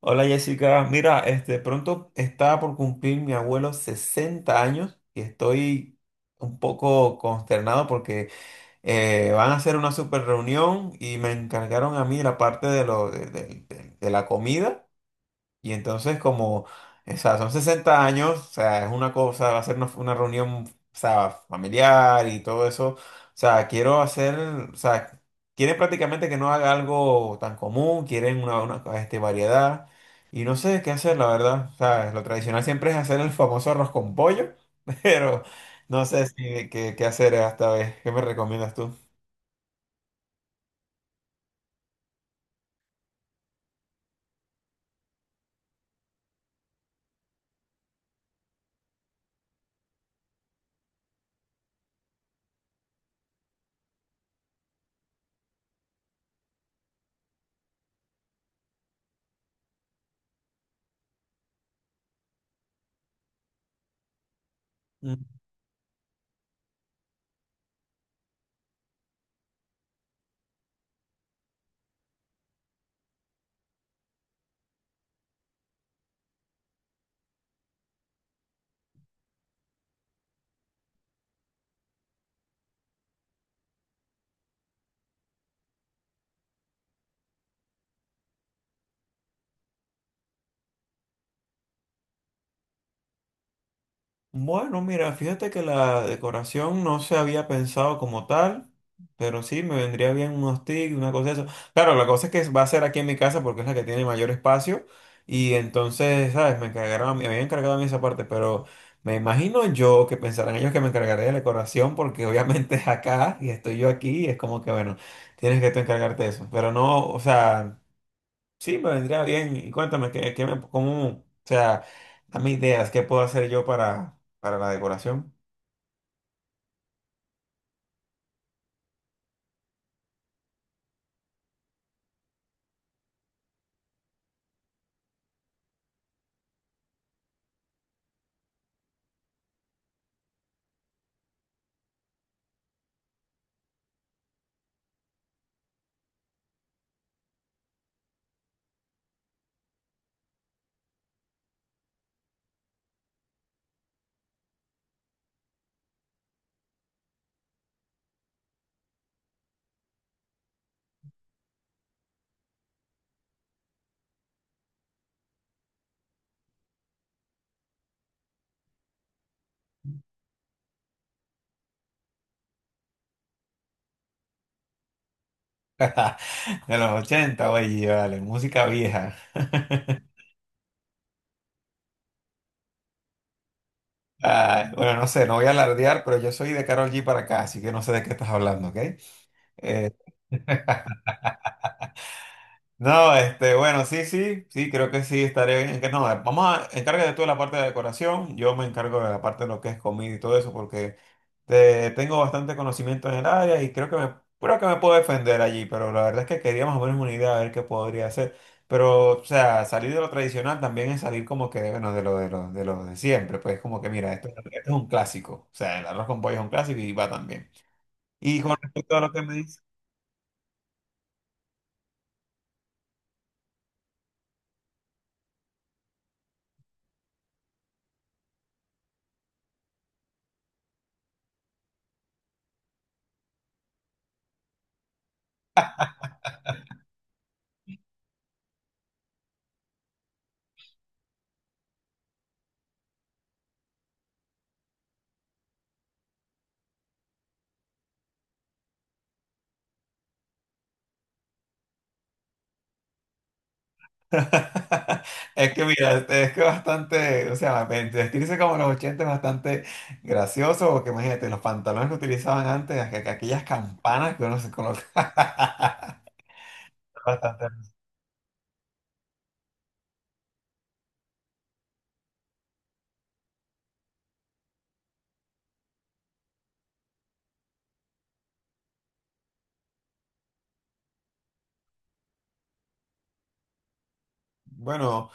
Hola, Jessica, mira, este, pronto está por cumplir mi abuelo 60 años y estoy un poco consternado porque van a hacer una super reunión y me encargaron a mí la parte de, lo, de, de la comida y entonces como, o sea, son 60 años, o sea, es una cosa, va a ser una reunión, o sea, familiar y todo eso. O sea, quiero hacer, o sea, quieren prácticamente que no haga algo tan común, quieren una, este, variedad. Y no sé qué hacer, la verdad. O sea, lo tradicional siempre es hacer el famoso arroz con pollo, pero no sé si, qué, qué hacer esta vez. ¿Qué me recomiendas tú? Bueno, mira, fíjate que la decoración no se había pensado como tal, pero sí me vendría bien unos tics, una cosa de eso. Claro, la cosa es que va a ser aquí en mi casa porque es la que tiene mayor espacio y entonces, ¿sabes? Me encargaron, me habían encargado a mí esa parte, pero me imagino yo que pensarán ellos que me encargaré de la decoración porque obviamente es acá y estoy yo aquí y es como que, bueno, tienes que tú encargarte de eso. Pero no, o sea... Sí, me vendría bien. Y cuéntame, ¿qué, qué me, cómo, o sea, dame ideas, ¿qué puedo hacer yo para la decoración? De los 80, oye, vale, música vieja. Ah, bueno, no sé, no voy a alardear, pero yo soy de Karol G para acá, así que no sé de qué estás hablando, ¿ok? No, este, bueno, sí, sí, sí, creo que sí estaré bien. Que no, vamos a encárgate tú de la parte de decoración, yo me encargo de la parte de lo que es comida y todo eso, porque tengo bastante conocimiento en el área y creo que me puedo defender allí, pero la verdad es que quería más o menos una idea de ver qué podría hacer. Pero, o sea, salir de lo tradicional también es salir como que, bueno, de de lo de siempre, pues como que mira, esto es un clásico, o sea, el arroz con pollo es un clásico y va también. Y con respecto a lo que me dices. Es que mira, es que bastante, o sea, vestirse como los 80 es bastante gracioso, porque imagínate, los pantalones que utilizaban antes, aquellas campanas que uno se colocaba. Bastante. Bueno.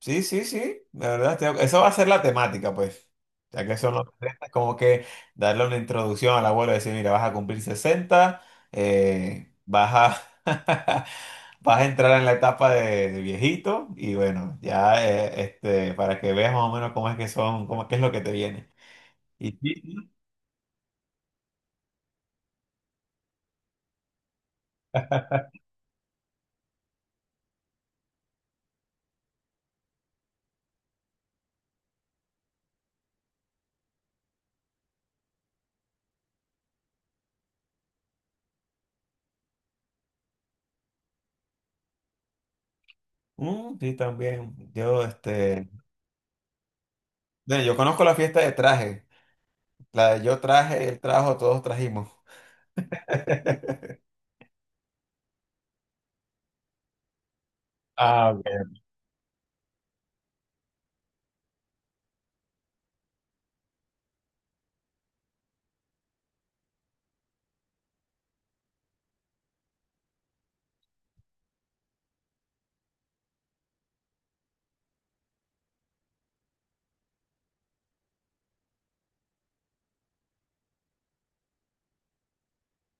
Sí, sí, sí, la verdad, estoy, eso va a ser la temática, pues, ya que son los 60, es como que darle una introducción al abuelo, y decir, mira, vas a cumplir 60, vas a, vas a entrar en la etapa de viejito y bueno, ya, este, para que veas más o menos cómo es que son, cómo, qué es lo que te viene. Y sí, sí, mm, sí, también, yo, este, bueno, yo conozco la fiesta de traje, la de yo traje, él trajo, todos trajimos. Ah, ok.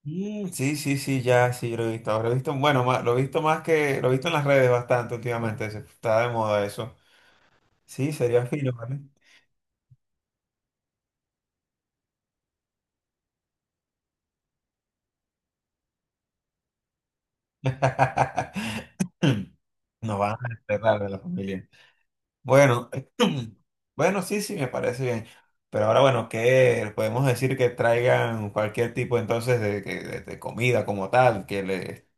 Mm, sí, sí, sí, ya, sí, lo he visto. Lo he visto, bueno, lo he visto más que, lo he visto en las redes bastante últimamente. Está de moda eso. Sí, sería fino, ¿vale? Nos van a enterrar de la familia. Bueno, bueno, sí, sí, me parece bien. Pero ahora, bueno, que podemos decir que traigan cualquier tipo entonces de, de comida como tal, que le...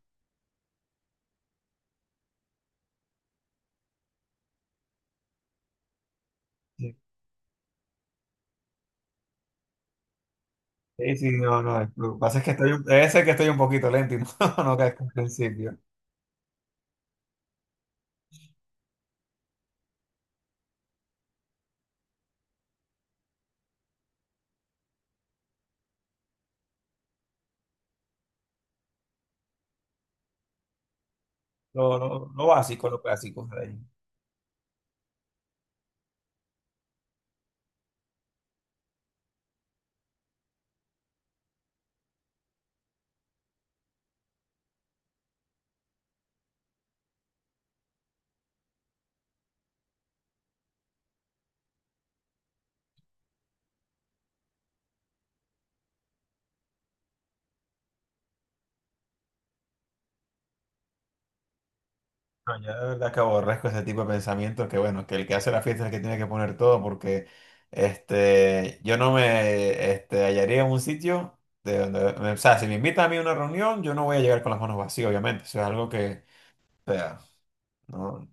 Sí, sí, sí, no, no, lo que pasa es que estoy, debe ser que estoy un poquito lento y no, no, que al principio. Lo básico, lo clásico. No, yo de verdad que aborrezco ese tipo de pensamientos, que bueno, que el que hace la fiesta es el que tiene que poner todo porque este, yo no me, este, hallaría en un sitio de donde, o sea, si me invitan a mí a una reunión, yo no voy a llegar con las manos vacías, obviamente, eso es algo que, o sea, no,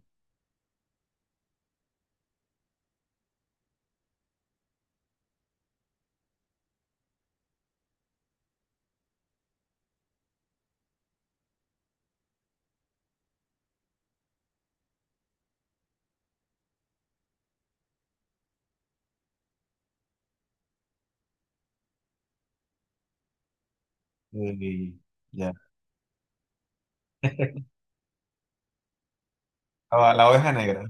y, y- ya. La oveja negra.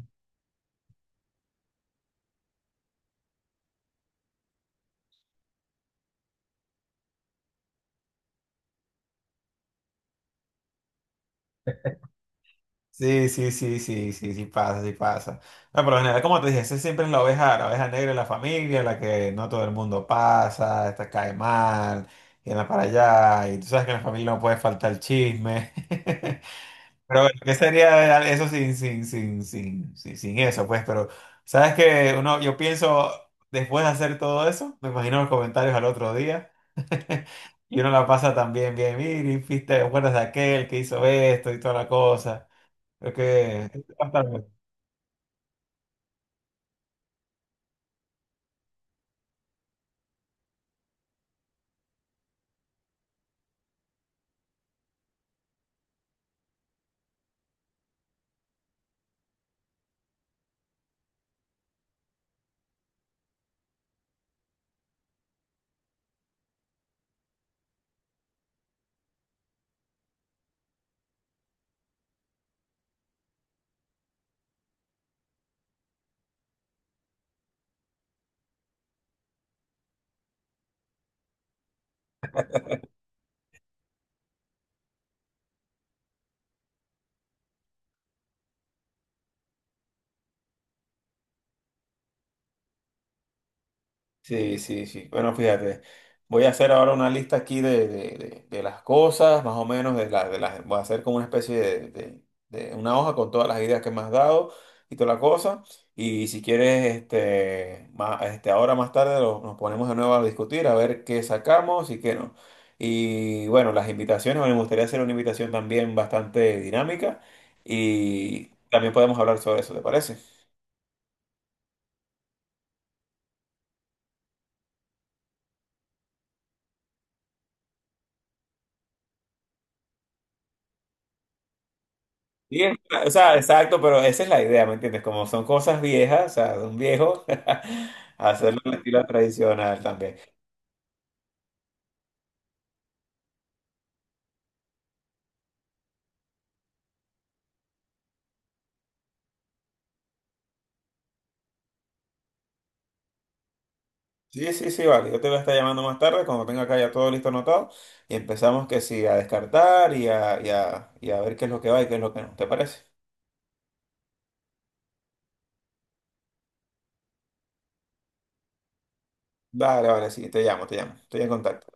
Sí, sí, sí, sí, sí, sí pasa, sí pasa. No, por lo general, como te dije, esa siempre es la oveja negra en la familia, la que no todo el mundo pasa, esta cae mal, y anda para allá, y tú sabes que en la familia no puede faltar el chisme. Pero bueno, ¿qué sería eso sin, sin eso? Pues, pero, ¿sabes? Que uno, yo pienso, después de hacer todo eso, me imagino los comentarios al otro día. Y uno la pasa también bien, mire, ¿te acuerdas de aquel que hizo esto y toda la cosa? Es que es bastante. Sí, sí, sí. Bueno, fíjate, voy a hacer ahora una lista aquí de, de las cosas, más o menos, de las, voy a hacer como una especie de, de una hoja con todas las ideas que me has dado y toda la cosa. Y si quieres, este, este, ahora más tarde nos ponemos de nuevo a discutir, a ver qué sacamos y qué no. Y bueno, las invitaciones, bueno, me gustaría hacer una invitación también bastante dinámica y también podemos hablar sobre eso, ¿te parece? Sí, o sea, exacto, pero esa es la idea, ¿me entiendes? Como son cosas viejas, o sea, de un viejo, hacerlo en estilo tradicional también. Sí, sí, sí, vale. Yo te voy a estar llamando más tarde cuando tenga acá ya todo listo anotado y empezamos que sí, a descartar y a, y a, y a ver qué es lo que va y qué es lo que no. ¿Te parece? Vale, vale, sí, te llamo, te llamo. Estoy en contacto.